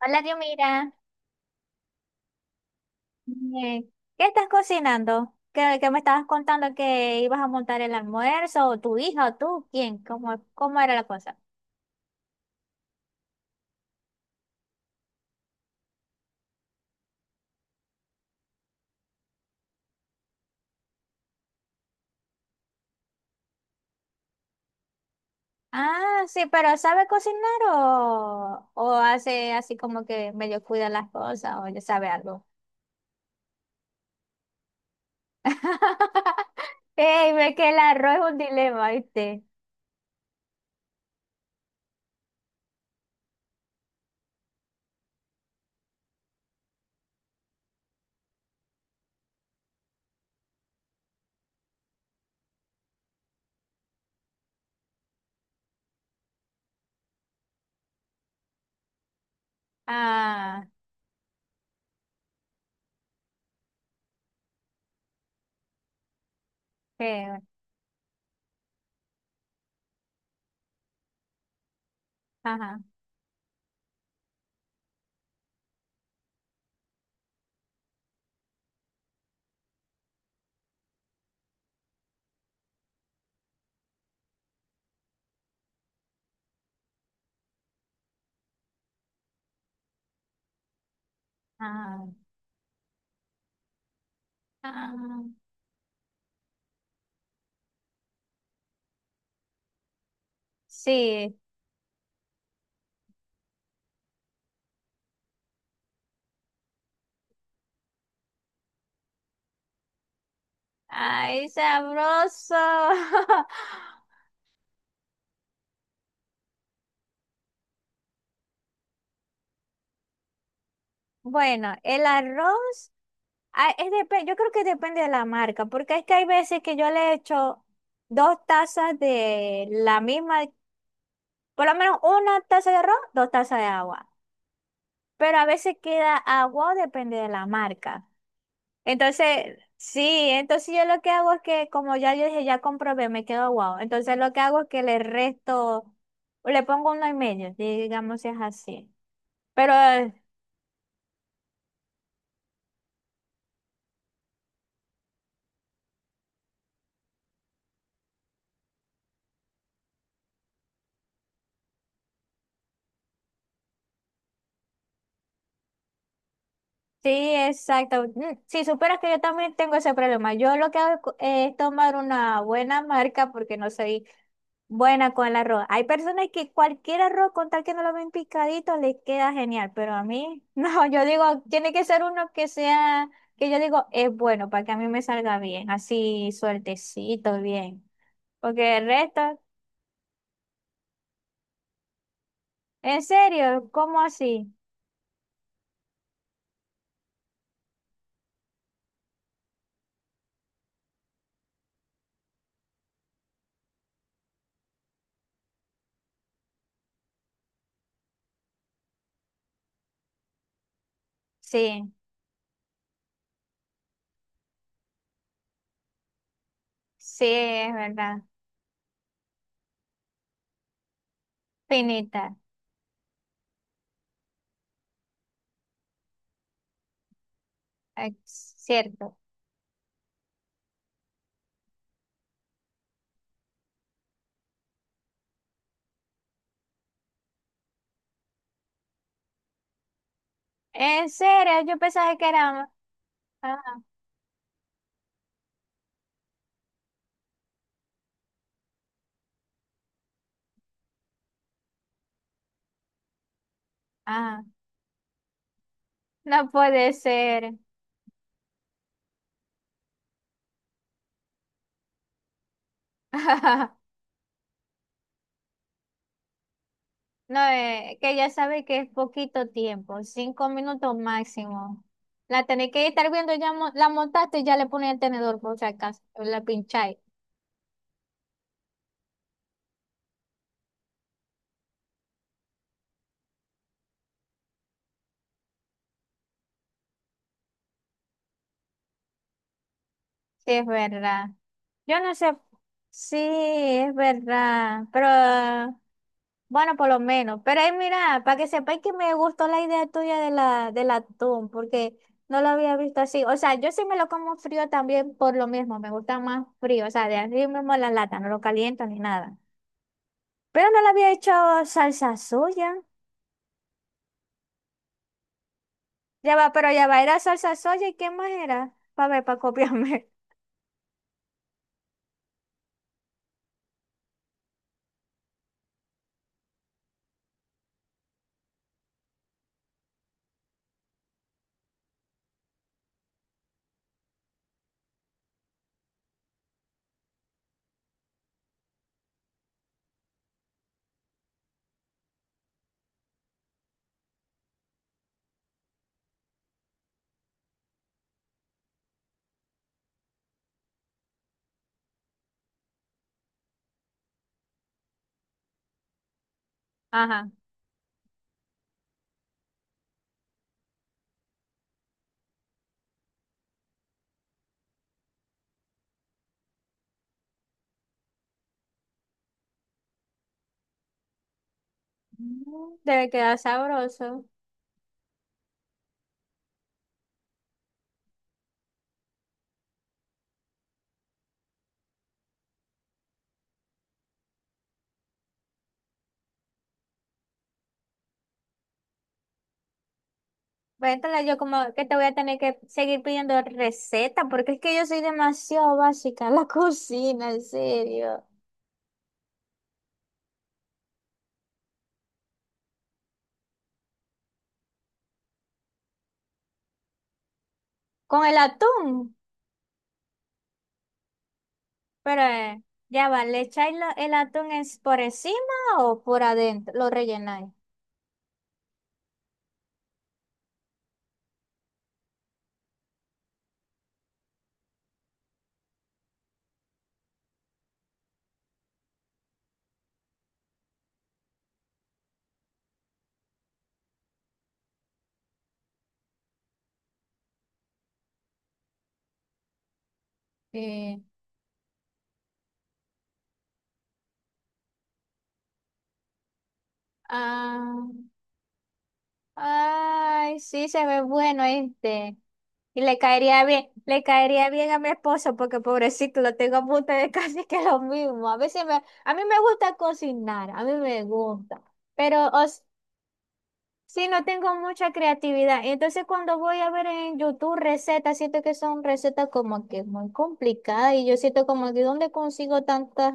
Hola, Diomira. Eh, ¿Qué estás cocinando? ¿Qué me estabas contando que ibas a montar el almuerzo? ¿O tu hija o tú? ¿Quién? ¿Cómo era la cosa? Ah, sí, pero ¿sabe cocinar o hace así como que medio cuida las cosas o ya sabe algo? Ey, ve que el arroz es un dilema, ¿viste? Ah, qué, ajá, ah, ah, sí. Ay, sabroso. Bueno, el arroz, ah, es yo creo que depende de la marca, porque es que hay veces que yo le echo dos tazas de la misma, por lo menos una taza de arroz, dos tazas de agua, pero a veces queda agua, depende de la marca. Entonces, sí, entonces yo lo que hago es que, como ya yo dije, ya comprobé, me quedo agua. Entonces lo que hago es que le resto, le pongo uno y medio, digamos si es así. Pero sí, exacto. Mm, si supieras que yo también tengo ese problema. Yo lo que hago es tomar una buena marca porque no soy buena con el arroz. Hay personas que cualquier arroz, con tal que no lo ven picadito, les queda genial, pero a mí no, yo digo, tiene que ser uno que sea, que yo digo, es bueno para que a mí me salga bien, así suertecito, bien. Porque el resto, en serio, ¿cómo así? Sí, sí, es verdad, finita, es cierto. En serio, yo pensaba que era... Ah, ah, no puede ser. No, que ya sabe que es poquito tiempo, 5 minutos máximo. La tenéis que estar viendo, ya la montaste y ya le pones el tenedor por si acaso, la pincháis. Sí, es verdad. Yo no sé. Sí, es verdad. Pero bueno, por lo menos. Pero ahí mira, para que sepáis que me gustó la idea tuya de la, del atún, porque no lo había visto así. O sea, yo sí me lo como frío también por lo mismo, me gusta más frío. O sea, de así mismo la lata, no lo caliento ni nada. Pero no le había hecho salsa soya. Ya va, pero ya va, era salsa soya y qué más era. Para ver, para copiarme. Ajá. Mm, debe quedar sabroso. Vétala, yo como que te voy a tener que seguir pidiendo receta, porque es que yo soy demasiado básica en la cocina, en serio. Con el atún, pero ya va, ¿le echáis el atún es por encima o por adentro? Lo rellenáis. Eh, ah, Ay, sí, se ve bueno este. Y le caería bien a mi esposo porque pobrecito, lo tengo a punto de casi que lo mismo. A veces me, a mí me gusta cocinar, a mí me gusta, pero sí, no tengo mucha creatividad. Entonces cuando voy a ver en YouTube recetas, siento que son recetas como que muy complicadas y yo siento como que ¿dónde consigo tantas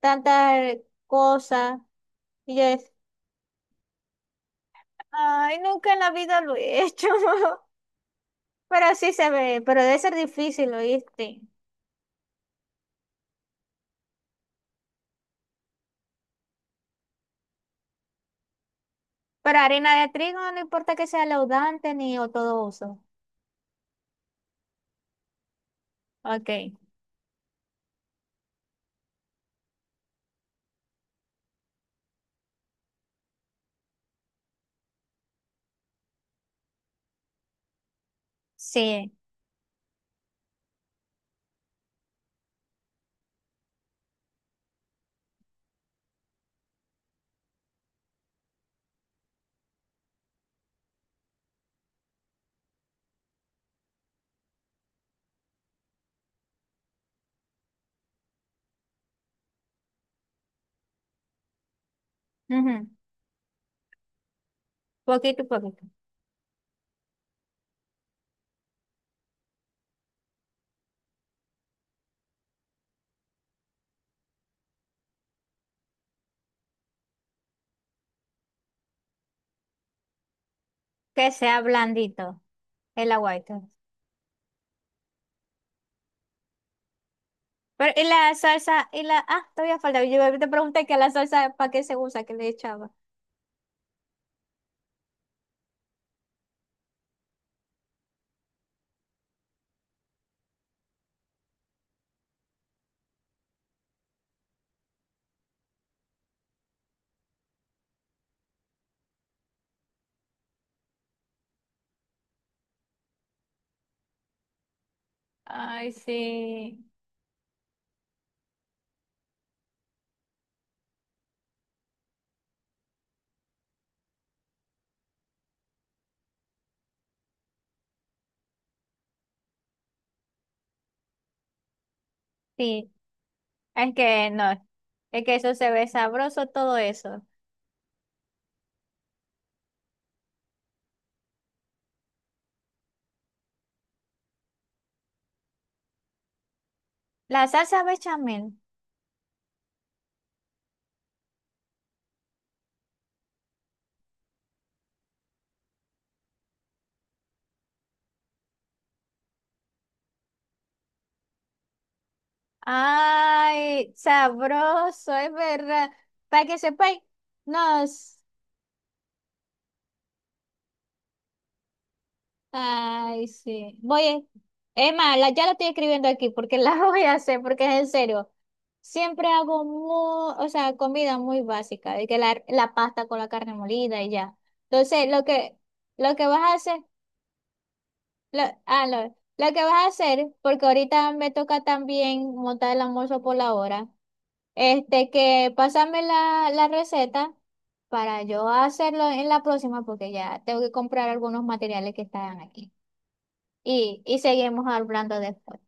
tantas cosas? Y yo es, ay, nunca en la vida lo he hecho. Pero sí se ve, pero debe ser difícil, ¿oíste? Pero harina de trigo no importa que sea laudante ni o todo uso. Ok, sí. Ujú, poquito y poquito. Que sea blandito el aguacate. Pero, y la salsa, y la, ah, todavía falta. Yo te pregunté que la salsa, ¿para qué se usa? ¿Qué le echaba? Ay, sí. Sí, es que no, es que eso se ve sabroso, todo eso. La salsa bechamel. Ay, sabroso, es verdad. Para que sepáis, nos. Ay, sí. Voy. Es más, ya la estoy escribiendo aquí porque la voy a hacer, porque es en serio. Siempre hago muy, o sea, comida muy básica, de que la pasta con la carne molida y ya. Entonces, lo que vas a hacer, lo, ah, lo que vas a hacer, porque ahorita me toca también montar el almuerzo por la hora, este, que pásame la, la receta. Para yo hacerlo en la próxima porque ya tengo que comprar algunos materiales que están aquí. Y seguimos hablando después.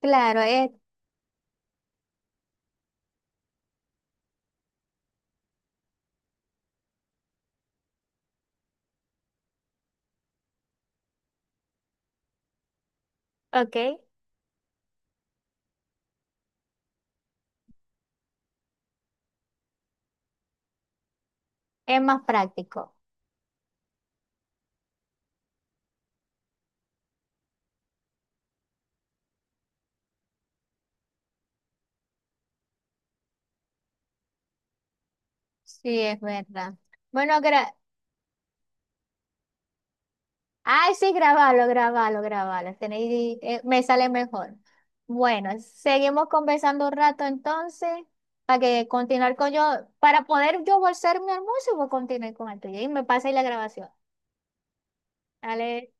Claro, es, ok, es más práctico. Sí, es verdad. Bueno, ay, sí, grabalo, grabalo, grabalo. Tenéis, me sale mejor. Bueno, seguimos conversando un rato entonces para que continuar con yo, para poder yo bolsar mi almuerzo, voy a continuar con el tuyo y me pasa ahí la grabación. Dale.